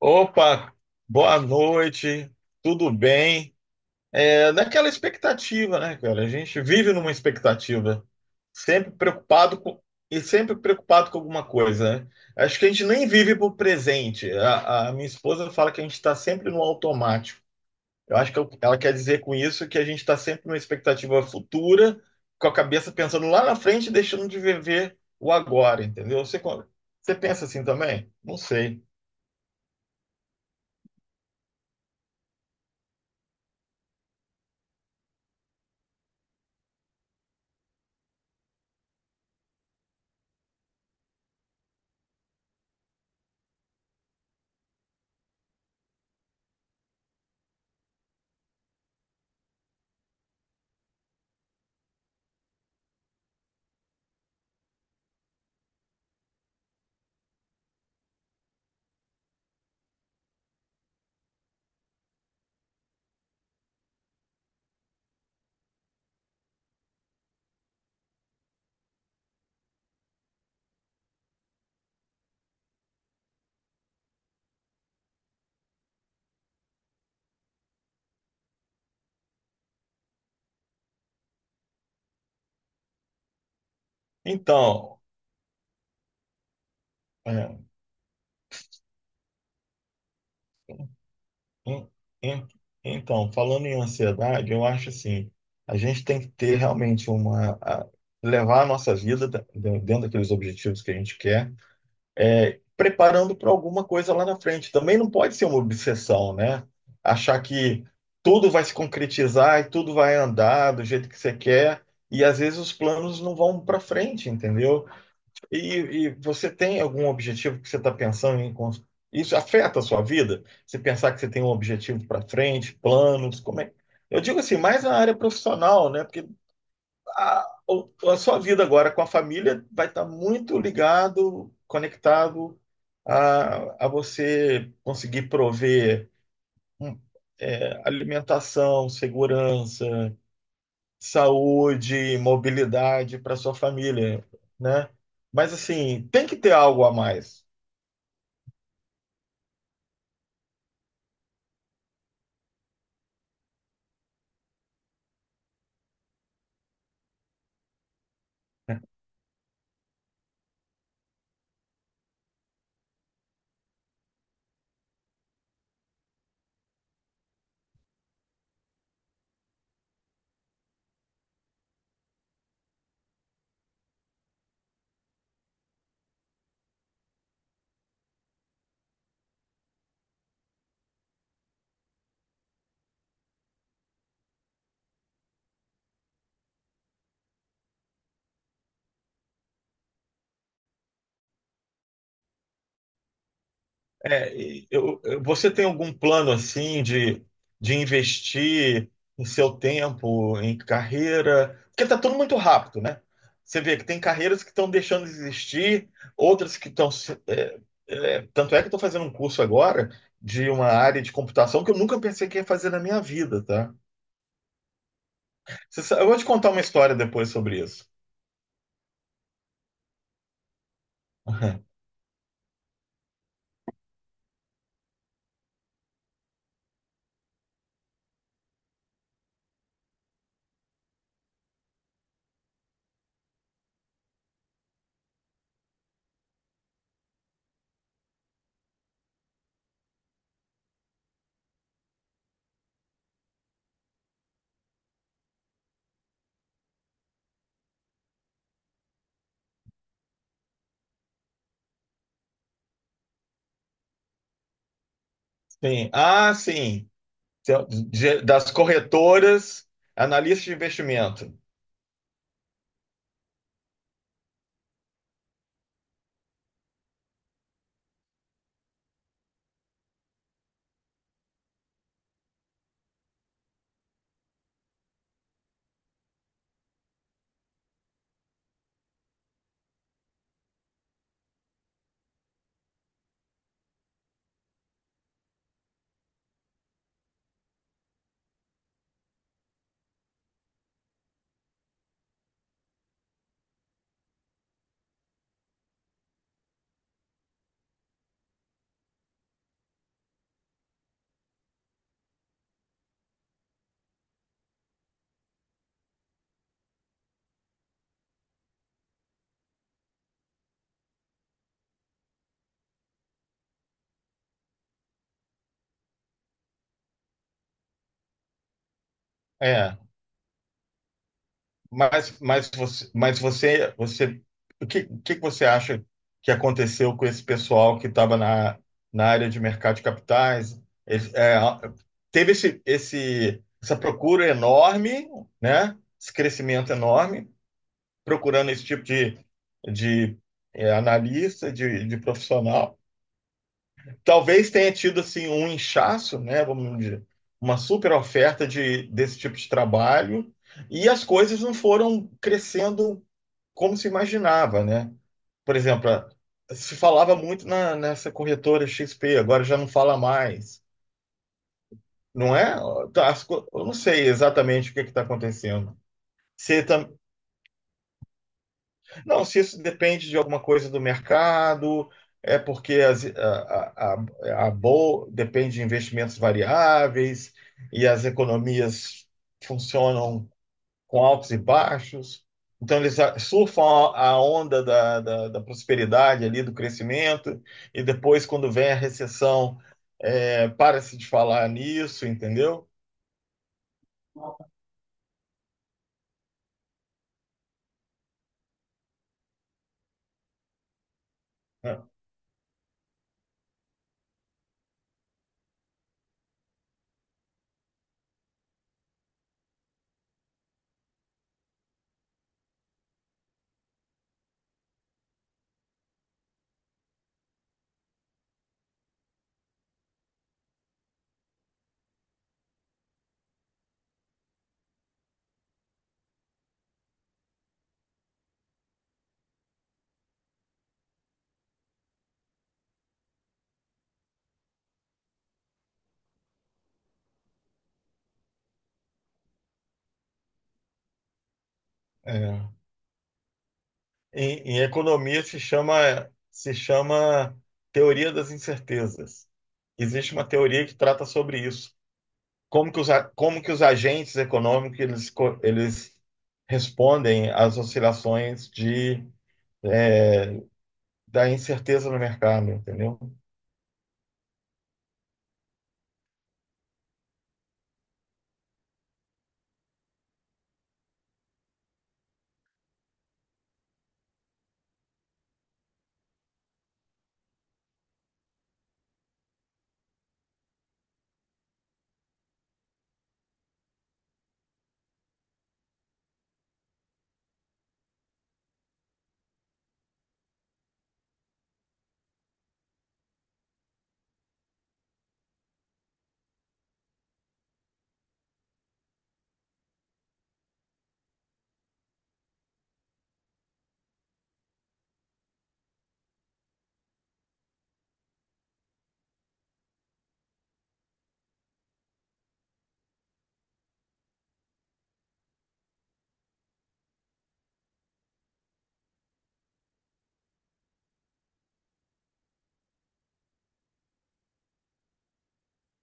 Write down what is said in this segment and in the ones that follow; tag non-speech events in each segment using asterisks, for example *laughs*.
Opa, boa noite, tudo bem? É naquela expectativa, né, cara? A gente vive numa expectativa, sempre preocupado com, e sempre preocupado com alguma coisa, né? Acho que a gente nem vive pro presente. A minha esposa fala que a gente está sempre no automático. Eu acho que ela quer dizer com isso que a gente está sempre numa expectativa futura, com a cabeça pensando lá na frente, e deixando de viver o agora, entendeu? Você pensa assim também? Não sei. Então. É. En- en- Então, falando em ansiedade, eu acho assim, a gente tem que ter realmente uma, a- levar a nossa vida dentro daqueles objetivos que a gente quer, preparando para alguma coisa lá na frente. Também não pode ser uma obsessão, né? Achar que tudo vai se concretizar e tudo vai andar do jeito que você quer, e às vezes os planos não vão para frente, entendeu? E você tem algum objetivo que você está pensando em Isso afeta a sua vida? Você pensar que você tem um objetivo para frente, planos, como é? Eu digo assim, mais na área profissional, né? Porque a sua vida agora com a família vai estar muito ligado, conectado a você conseguir prover hum, alimentação, segurança, saúde, mobilidade para sua família, né? Mas assim, tem que ter algo a mais. É, e você tem algum plano assim de investir em seu tempo, em carreira? Porque tá tudo muito rápido, né? Você vê que tem carreiras que estão deixando de existir, outras que estão. Tanto é que eu estou fazendo um curso agora de uma área de computação que eu nunca pensei que ia fazer na minha vida, tá? Eu vou te contar uma história depois sobre isso. *laughs* Sim. Ah, sim. Das corretoras, analista de investimento. É. Você, o que que você acha que aconteceu com esse pessoal que estava na área de mercado de capitais? Eles- é, teve essa procura enorme, né? Esse crescimento enorme, procurando esse tipo de é, analista, de profissional. Talvez tenha tido assim um inchaço, né, vamos dizer, uma super oferta de, desse tipo de trabalho e as coisas não foram crescendo como se imaginava, né? Por exemplo, se falava muito na, nessa corretora XP, agora já não fala mais, não é? Tá, eu não sei exatamente o que está acontecendo. Você não, se isso depende de alguma coisa do mercado, é porque a bol depende de investimentos variáveis e as economias funcionam com altos e baixos. Então, eles surfam a onda da prosperidade ali, do crescimento, e depois, quando vem a recessão, para-se de falar nisso, entendeu? É, é. Em economia se chama teoria das incertezas. Existe uma teoria que trata sobre isso. Como que como que os agentes econômicos eles respondem às oscilações de, é, da incerteza no mercado, entendeu?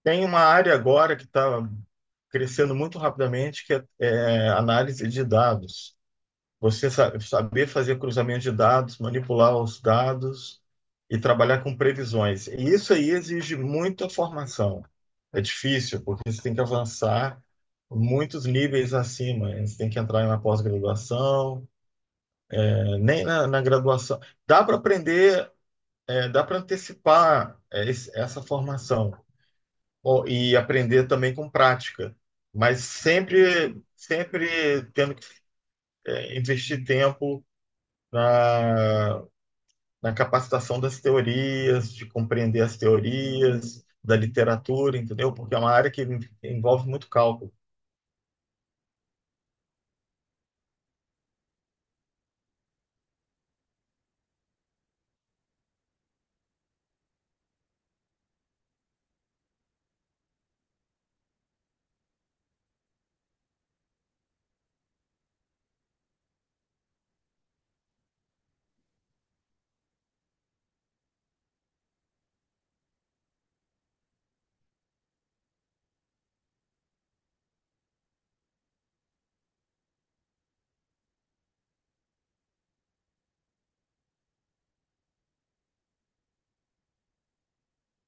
Tem uma área agora que está crescendo muito rapidamente, que é análise de dados. Saber fazer cruzamento de dados, manipular os dados e trabalhar com previsões. E isso aí exige muita formação. É difícil, porque você tem que avançar muitos níveis acima. Você tem que entrar na pós-graduação, eh, nem na graduação. Dá para aprender, eh, dá para antecipar, eh, essa formação. Ó, e aprender também com prática, mas sempre, sempre tendo que, eh, investir tempo na capacitação das teorias, de compreender as teorias, da literatura, entendeu? Porque é uma área que envolve muito cálculo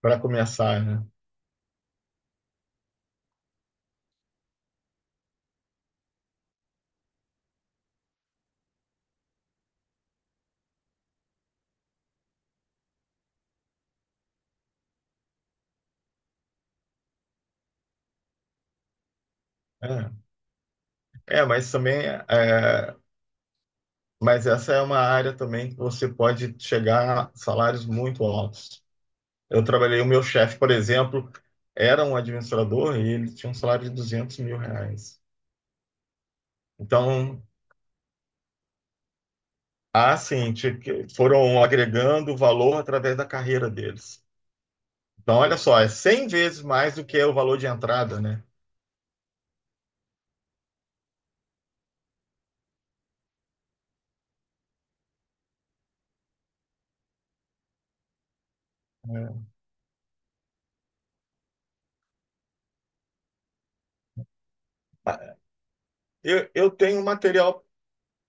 para começar, né? É, mas também, é, mas essa é uma área também que você pode chegar a salários muito altos. Eu trabalhei, o meu chefe, por exemplo, era um administrador e ele tinha um salário de 200 mil reais. Então, há sim, que foram agregando valor através da carreira deles. Então, olha só, é 100 vezes mais do que é o valor de entrada, né? É. Eu, eu tenho um material,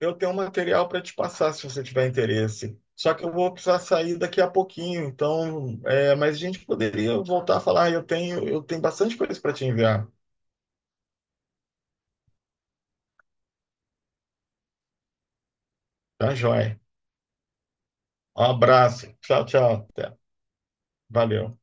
eu tenho um material para te passar se você tiver interesse. Só que eu vou precisar sair daqui a pouquinho, então, é, mas a gente poderia voltar a falar. Eu tenho bastante coisa para te enviar. Tá, joia. Um abraço. Tchau, tchau. Até. Valeu.